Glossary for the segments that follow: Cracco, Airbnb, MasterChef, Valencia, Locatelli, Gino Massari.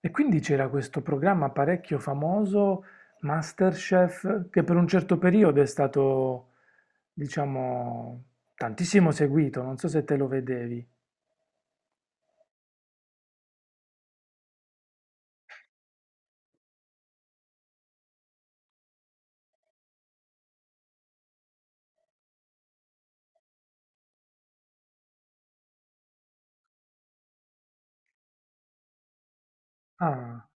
E quindi c'era questo programma parecchio famoso, MasterChef, che per un certo periodo è stato, diciamo, tantissimo seguito, non so se te lo vedevi. Ah,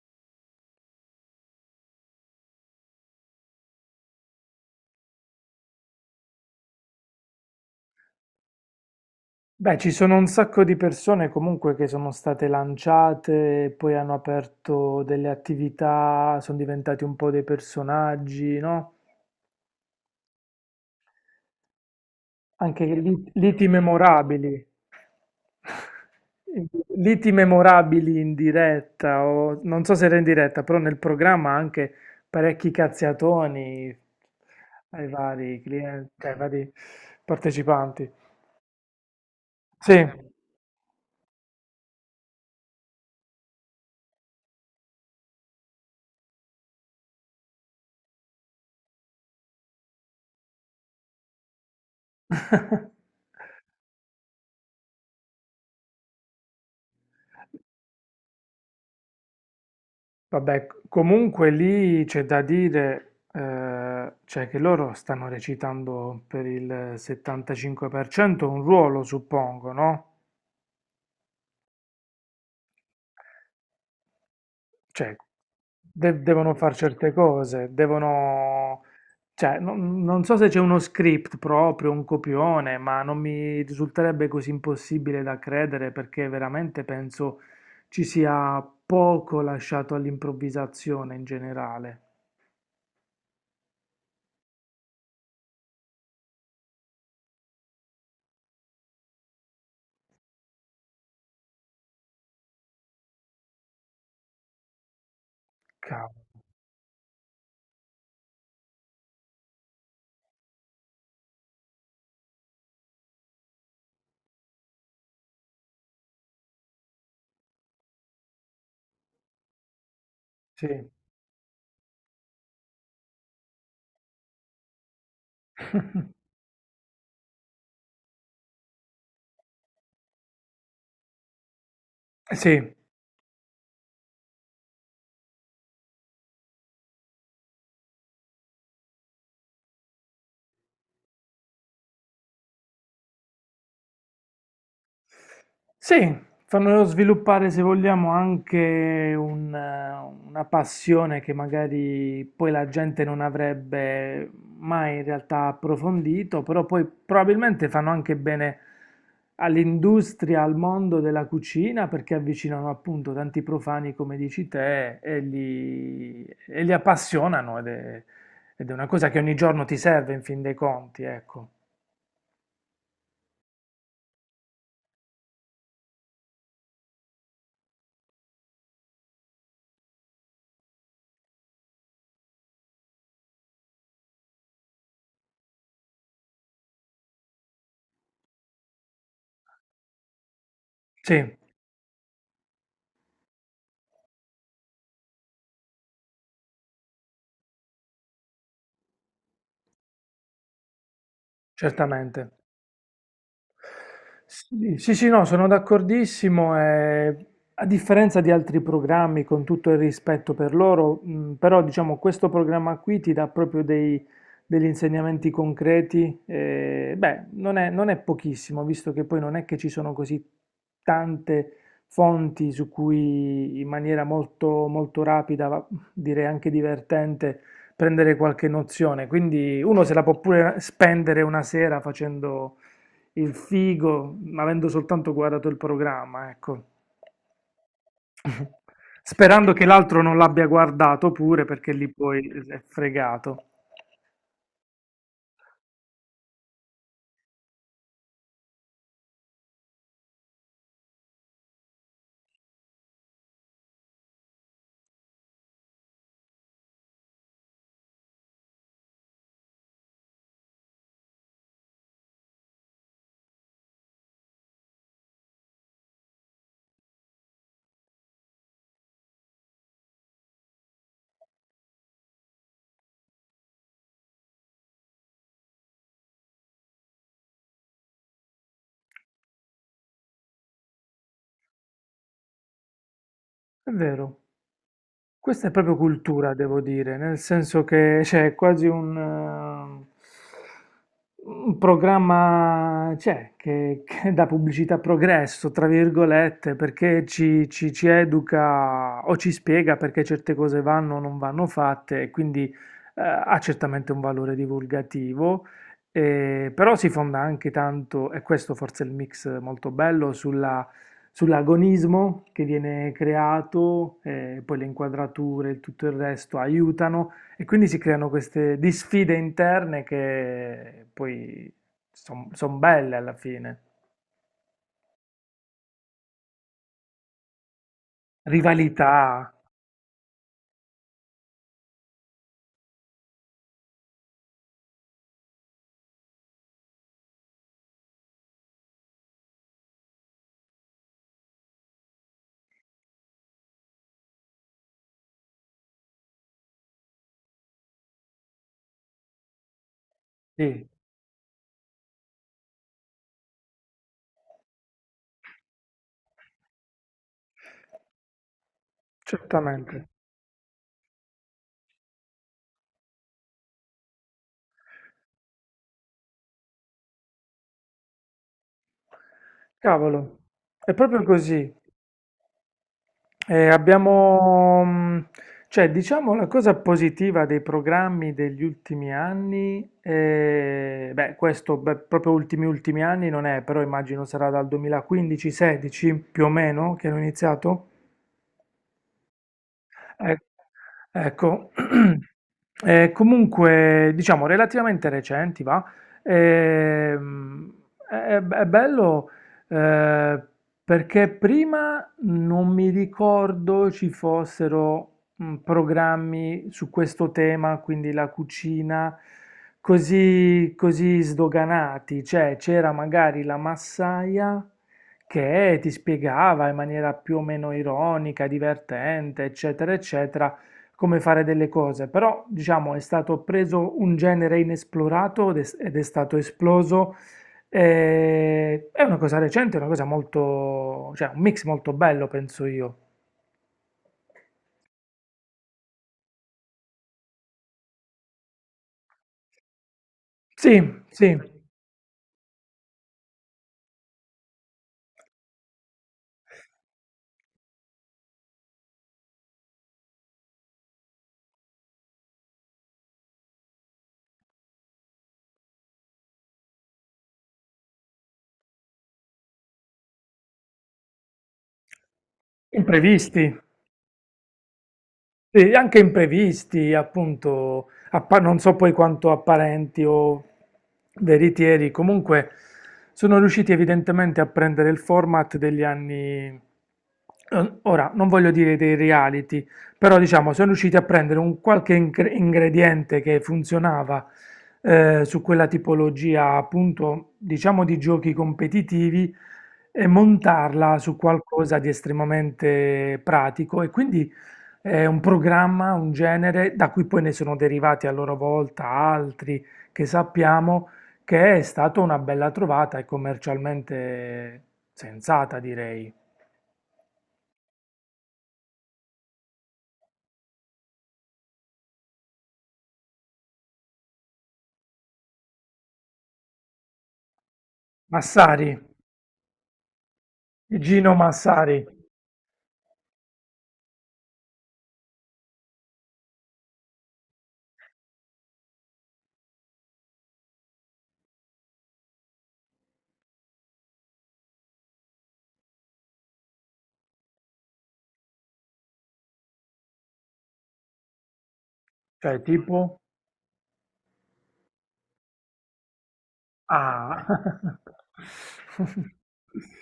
beh, ci sono un sacco di persone comunque che sono state lanciate, poi hanno aperto delle attività, sono diventati un po' dei personaggi, no? Anche liti memorabili. Liti memorabili in diretta, o non so se era in diretta, però nel programma anche parecchi cazziatoni ai vari clienti, cioè ai vari partecipanti. Sì, vabbè, comunque lì c'è da dire, cioè che loro stanno recitando per il 75% un ruolo, suppongo, no? Cioè, devono fare certe cose, devono. Cioè, non so se c'è uno script proprio, un copione, ma non mi risulterebbe così impossibile da credere perché veramente penso ci sia poco lasciato all'improvvisazione in generale. Cavolo. Sì, sì, sì, fanno sviluppare, se vogliamo, anche una passione che magari poi la gente non avrebbe mai in realtà approfondito, però poi probabilmente fanno anche bene all'industria, al mondo della cucina, perché avvicinano appunto tanti profani, come dici te, e li appassionano ed è una cosa che ogni giorno ti serve in fin dei conti, ecco. Sì, certamente. Sì, sì, sì, no, sono d'accordissimo. A differenza di altri programmi, con tutto il rispetto per loro, però diciamo questo programma qui ti dà proprio degli insegnamenti concreti. Eh, beh, non è pochissimo, visto che poi non è che ci sono così tante fonti su cui in maniera molto, molto rapida, direi anche divertente, prendere qualche nozione. Quindi uno se la può pure spendere una sera facendo il figo, avendo soltanto guardato il programma, ecco. Sperando che l'altro non l'abbia guardato pure perché lì poi è fregato. È vero. Questa è proprio cultura, devo dire, nel senso che c'è quasi un programma, c'è, che dà pubblicità a progresso, tra virgolette, perché ci educa o ci spiega perché certe cose vanno o non vanno fatte, e quindi ha certamente un valore divulgativo, però si fonda anche tanto, e questo forse è il mix molto bello, sulla sull'agonismo che viene creato, poi le inquadrature e tutto il resto aiutano e quindi si creano queste di sfide interne che poi sono belle alla fine. Rivalità, sì, certamente. Cavolo, è proprio così. Abbiamo, cioè, diciamo la cosa positiva dei programmi degli ultimi anni, beh, questo beh, proprio ultimi ultimi anni non è, però immagino sarà dal 2015-16 più o meno che hanno iniziato. Eh, ecco, Comunque, diciamo, relativamente recenti, va. Ehm, è bello eh, perché prima non mi ricordo ci fossero programmi su questo tema, quindi la cucina, così, così sdoganati. Cioè, c'era magari la massaia che ti spiegava in maniera più o meno ironica, divertente, eccetera, eccetera, come fare delle cose. Però, diciamo, è stato preso un genere inesplorato ed è stato esploso. È una cosa recente, è una cosa molto, cioè un mix molto bello, penso io. Sì, sì, imprevisti. Sì, anche imprevisti, appunto, non so poi quanto apparenti o veritieri, comunque sono riusciti evidentemente a prendere il format degli anni, ora non voglio dire dei reality, però diciamo sono riusciti a prendere un qualche ingrediente che funzionava su quella tipologia, appunto, diciamo di giochi competitivi e montarla su qualcosa di estremamente pratico e quindi. È un programma, un genere, da cui poi ne sono derivati a loro volta altri che sappiamo, che è stata una bella trovata e commercialmente sensata, direi. Massari, Gino Massari, cioè tipo. Ah,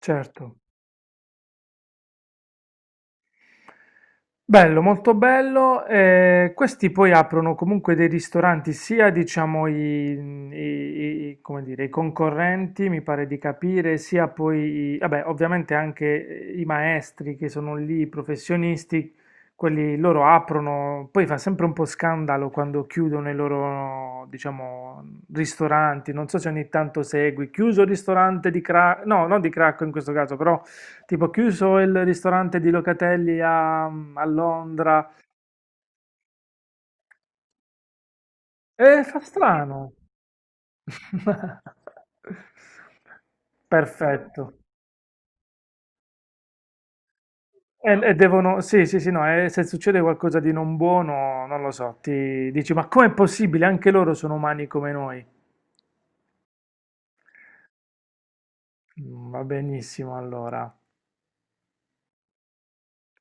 certo. Bello, molto bello. Questi poi aprono comunque dei ristoranti, sia diciamo come dire, i concorrenti, mi pare di capire, sia poi, vabbè, ovviamente anche i maestri che sono lì, i professionisti, quelli loro aprono, poi fa sempre un po' scandalo quando chiudono i loro, diciamo, ristoranti. Non so se ogni tanto segui, chiuso il ristorante di Cracco, no, non di Cracco in questo caso, però tipo, chiuso il ristorante di Locatelli a Londra. E fa strano. Perfetto. E devono, sì, sì, sì, no, e se succede qualcosa di non buono, non lo so, ti dici, ma com'è possibile? Anche loro sono umani come noi. Va benissimo, allora.